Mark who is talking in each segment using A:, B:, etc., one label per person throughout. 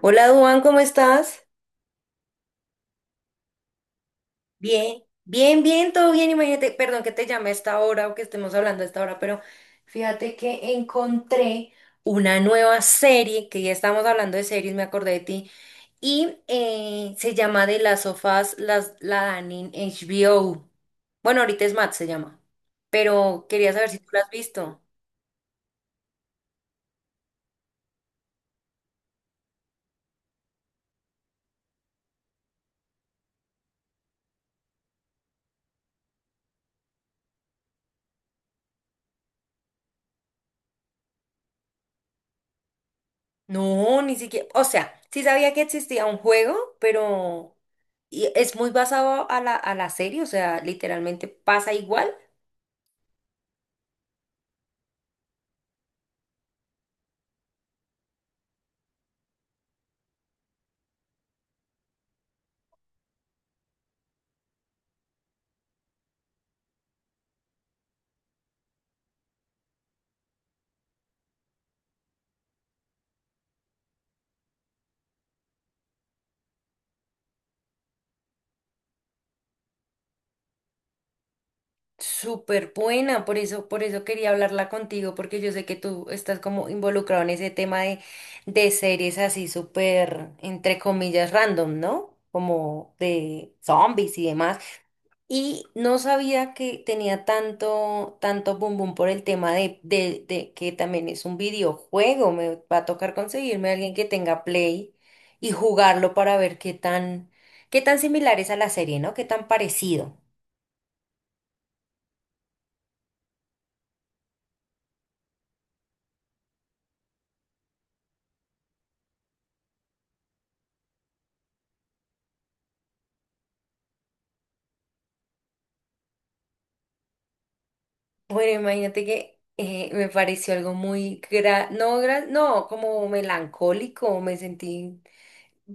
A: Hola, Duan, ¿cómo estás? Bien, bien, todo bien. Imagínate, perdón que te llame a esta hora o que estemos hablando a esta hora, pero fíjate que encontré una nueva serie, que ya estamos hablando de series, me acordé de ti, y se llama de las sofás las, la dan en HBO. Bueno, ahorita es Matt se llama, pero quería saber si tú la has visto. No, ni siquiera, o sea, sí sabía que existía un juego, pero y es muy basado a la serie, o sea, literalmente pasa igual. Súper buena, por eso quería hablarla contigo, porque yo sé que tú estás como involucrado en ese tema de series así súper, entre comillas, random, ¿no? Como de zombies y demás. Y no sabía que tenía tanto, tanto boom boom por el tema de que también es un videojuego. Me va a tocar conseguirme a alguien que tenga Play y jugarlo para ver qué tan similar es a la serie, ¿no? Qué tan parecido. Bueno, imagínate que me pareció algo muy, gra- no, como melancólico, me sentí.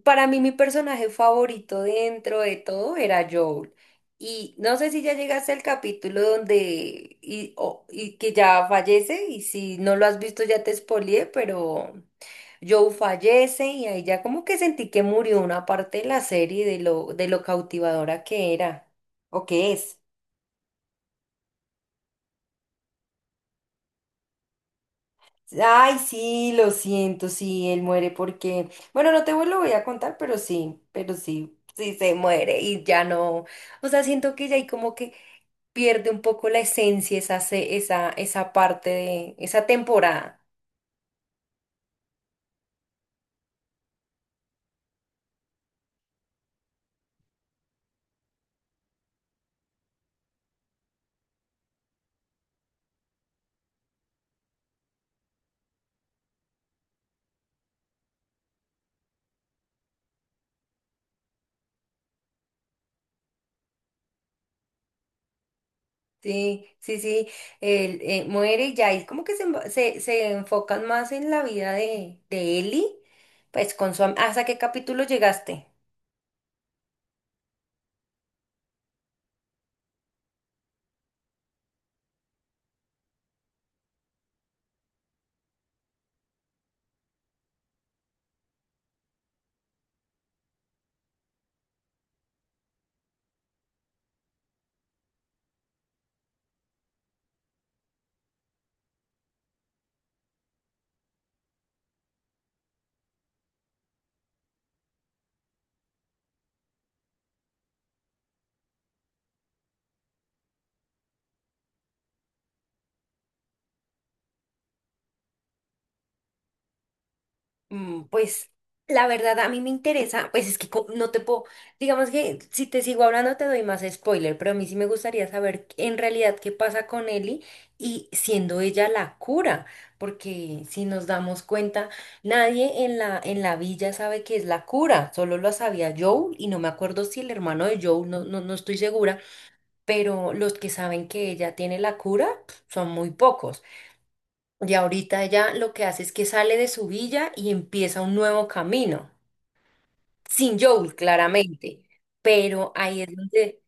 A: Para mí mi personaje favorito dentro de todo era Joel. Y no sé si ya llegaste al capítulo donde, y que ya fallece, y si no lo has visto ya te spoileé, pero Joel fallece y ahí ya como que sentí que murió una parte de la serie de lo cautivadora que era, o que es. Ay, sí, lo siento, sí, él muere porque, bueno, no te vu- lo voy a contar, pero sí, sí se muere y ya no, o sea, siento que ya ahí como que pierde un poco la esencia esa, esa, esa parte de, esa temporada. Sí, sí, sí, él muere y ya ahí como que se, se, se enfocan más en la vida de Ellie, pues con su, ¿hasta qué capítulo llegaste? Mm, pues la verdad a mí me interesa, pues es que no te puedo, digamos que si te sigo hablando te doy más spoiler, pero a mí sí me gustaría saber en realidad qué pasa con Ellie y siendo ella la cura, porque si nos damos cuenta, nadie en la villa sabe que es la cura, solo lo sabía Joel y no me acuerdo si el hermano de Joel, no estoy segura, pero los que saben que ella tiene la cura son muy pocos. Y ahorita ella lo que hace es que sale de su villa y empieza un nuevo camino, sin Joel, claramente, pero ahí es donde,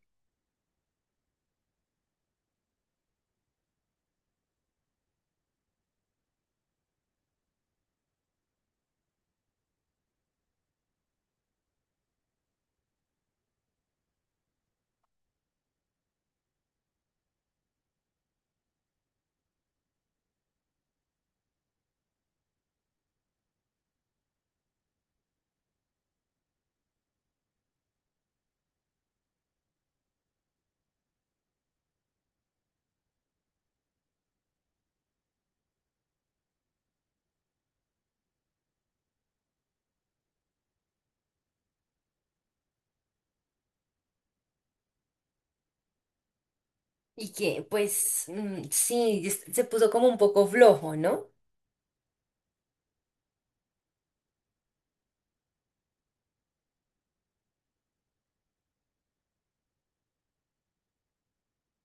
A: y que pues mm, sí, se puso como un poco flojo, ¿no?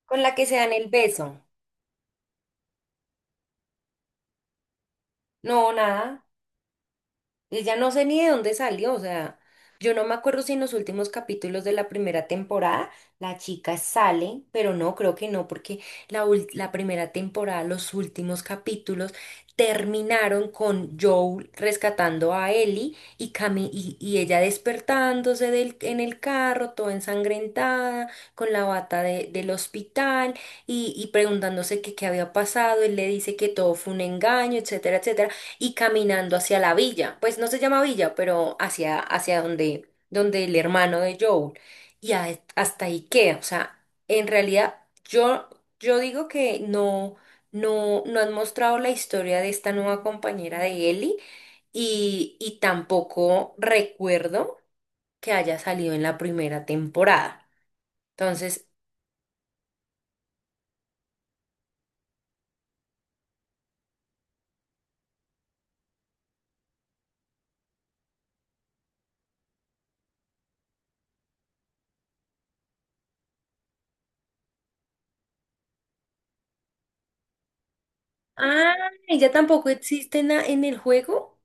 A: Con la que se dan el beso. No, nada. Y ya no sé ni de dónde salió, o sea, yo no me acuerdo si en los últimos capítulos de la primera temporada la chica sale, pero no, creo que no, porque la, la primera temporada, los últimos capítulos terminaron con Joel rescatando a Ellie y, y ella despertándose del, en el carro, toda ensangrentada, con la bata del hospital y preguntándose que qué había pasado, él le dice que todo fue un engaño, etcétera, etcétera y caminando hacia la villa, pues no se llama villa, pero hacia, hacia donde, donde el hermano de Joel, hasta ahí queda, o sea, en realidad yo, yo digo que no, no han mostrado la historia de esta nueva compañera de Ellie y tampoco recuerdo que haya salido en la primera temporada. Entonces, ah, ella tampoco existe en en el juego.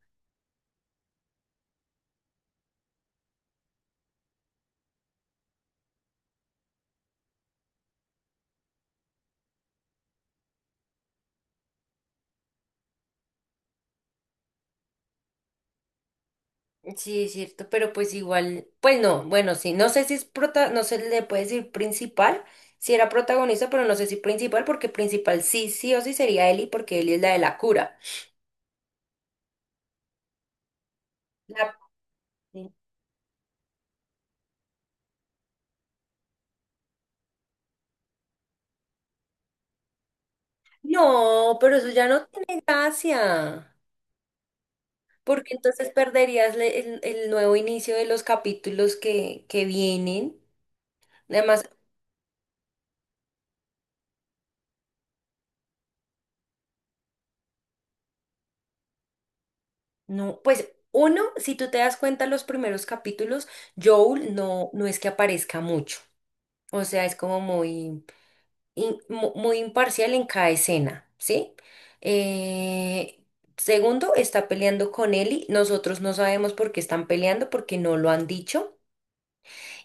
A: Sí, es cierto, pero pues igual, pues no, bueno, sí, no sé si es prota, no se le puede decir principal, si era protagonista, pero no sé si principal, porque principal sí, sí o sí sería Ellie, porque Ellie es la de la cura. La- No, pero eso ya no tiene gracia, porque entonces perderías el nuevo inicio de los capítulos que vienen. Además, no, pues uno, si tú te das cuenta, los primeros capítulos, Joel no, no es que aparezca mucho, o sea, es como muy. Muy imparcial en cada escena, ¿sí? Eh, segundo, está peleando con Ellie. Nosotros no sabemos por qué están peleando, porque no lo han dicho.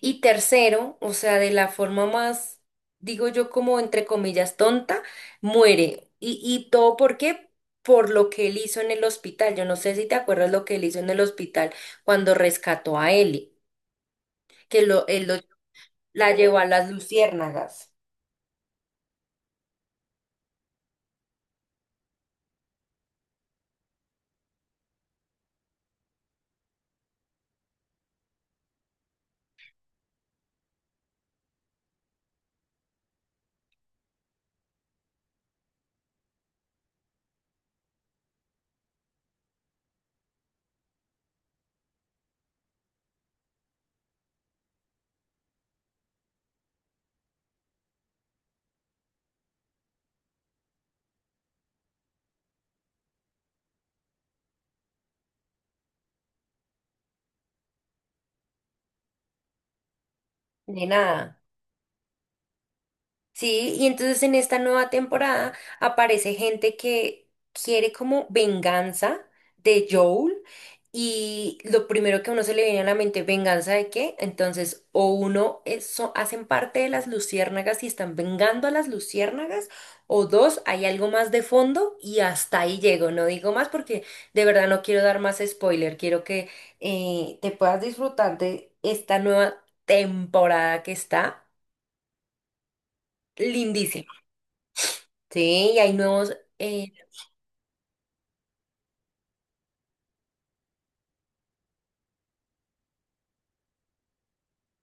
A: Y tercero, o sea, de la forma más, digo yo, como entre comillas, tonta, muere. Y todo por qué? Por lo que él hizo en el hospital. Yo no sé si te acuerdas lo que él hizo en el hospital cuando rescató a Ellie, que lo, él lo- la llevó a las luciérnagas. De nada. Sí, y entonces en esta nueva temporada aparece gente que quiere como venganza de Joel y lo primero que a uno se le viene a la mente, ¿venganza de qué? Entonces, o uno hacen parte de las luciérnagas y están vengando a las luciérnagas, o dos, hay algo más de fondo y hasta ahí llego, no digo más porque de verdad no quiero dar más spoiler, quiero que te puedas disfrutar de esta nueva temporada que está lindísima. Sí, y hay nuevos. eh,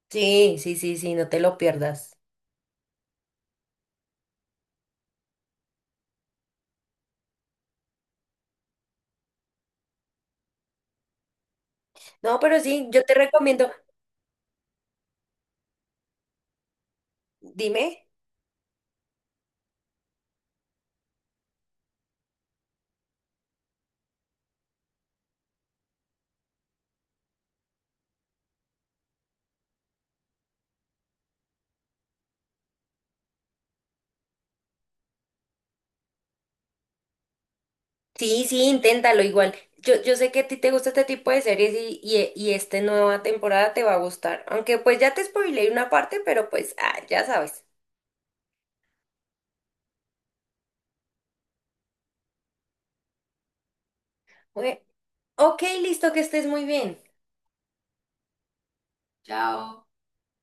A: sí, no te lo pierdas. No, pero sí, yo te recomiendo. Dime. Sí, sí, inténtalo igual. Yo sé que a ti te gusta este tipo de series y esta nueva temporada te va a gustar. Aunque pues ya te spoileé una parte, pero pues ah, ya sabes. Bueno, ok, listo, que estés muy bien. Chao.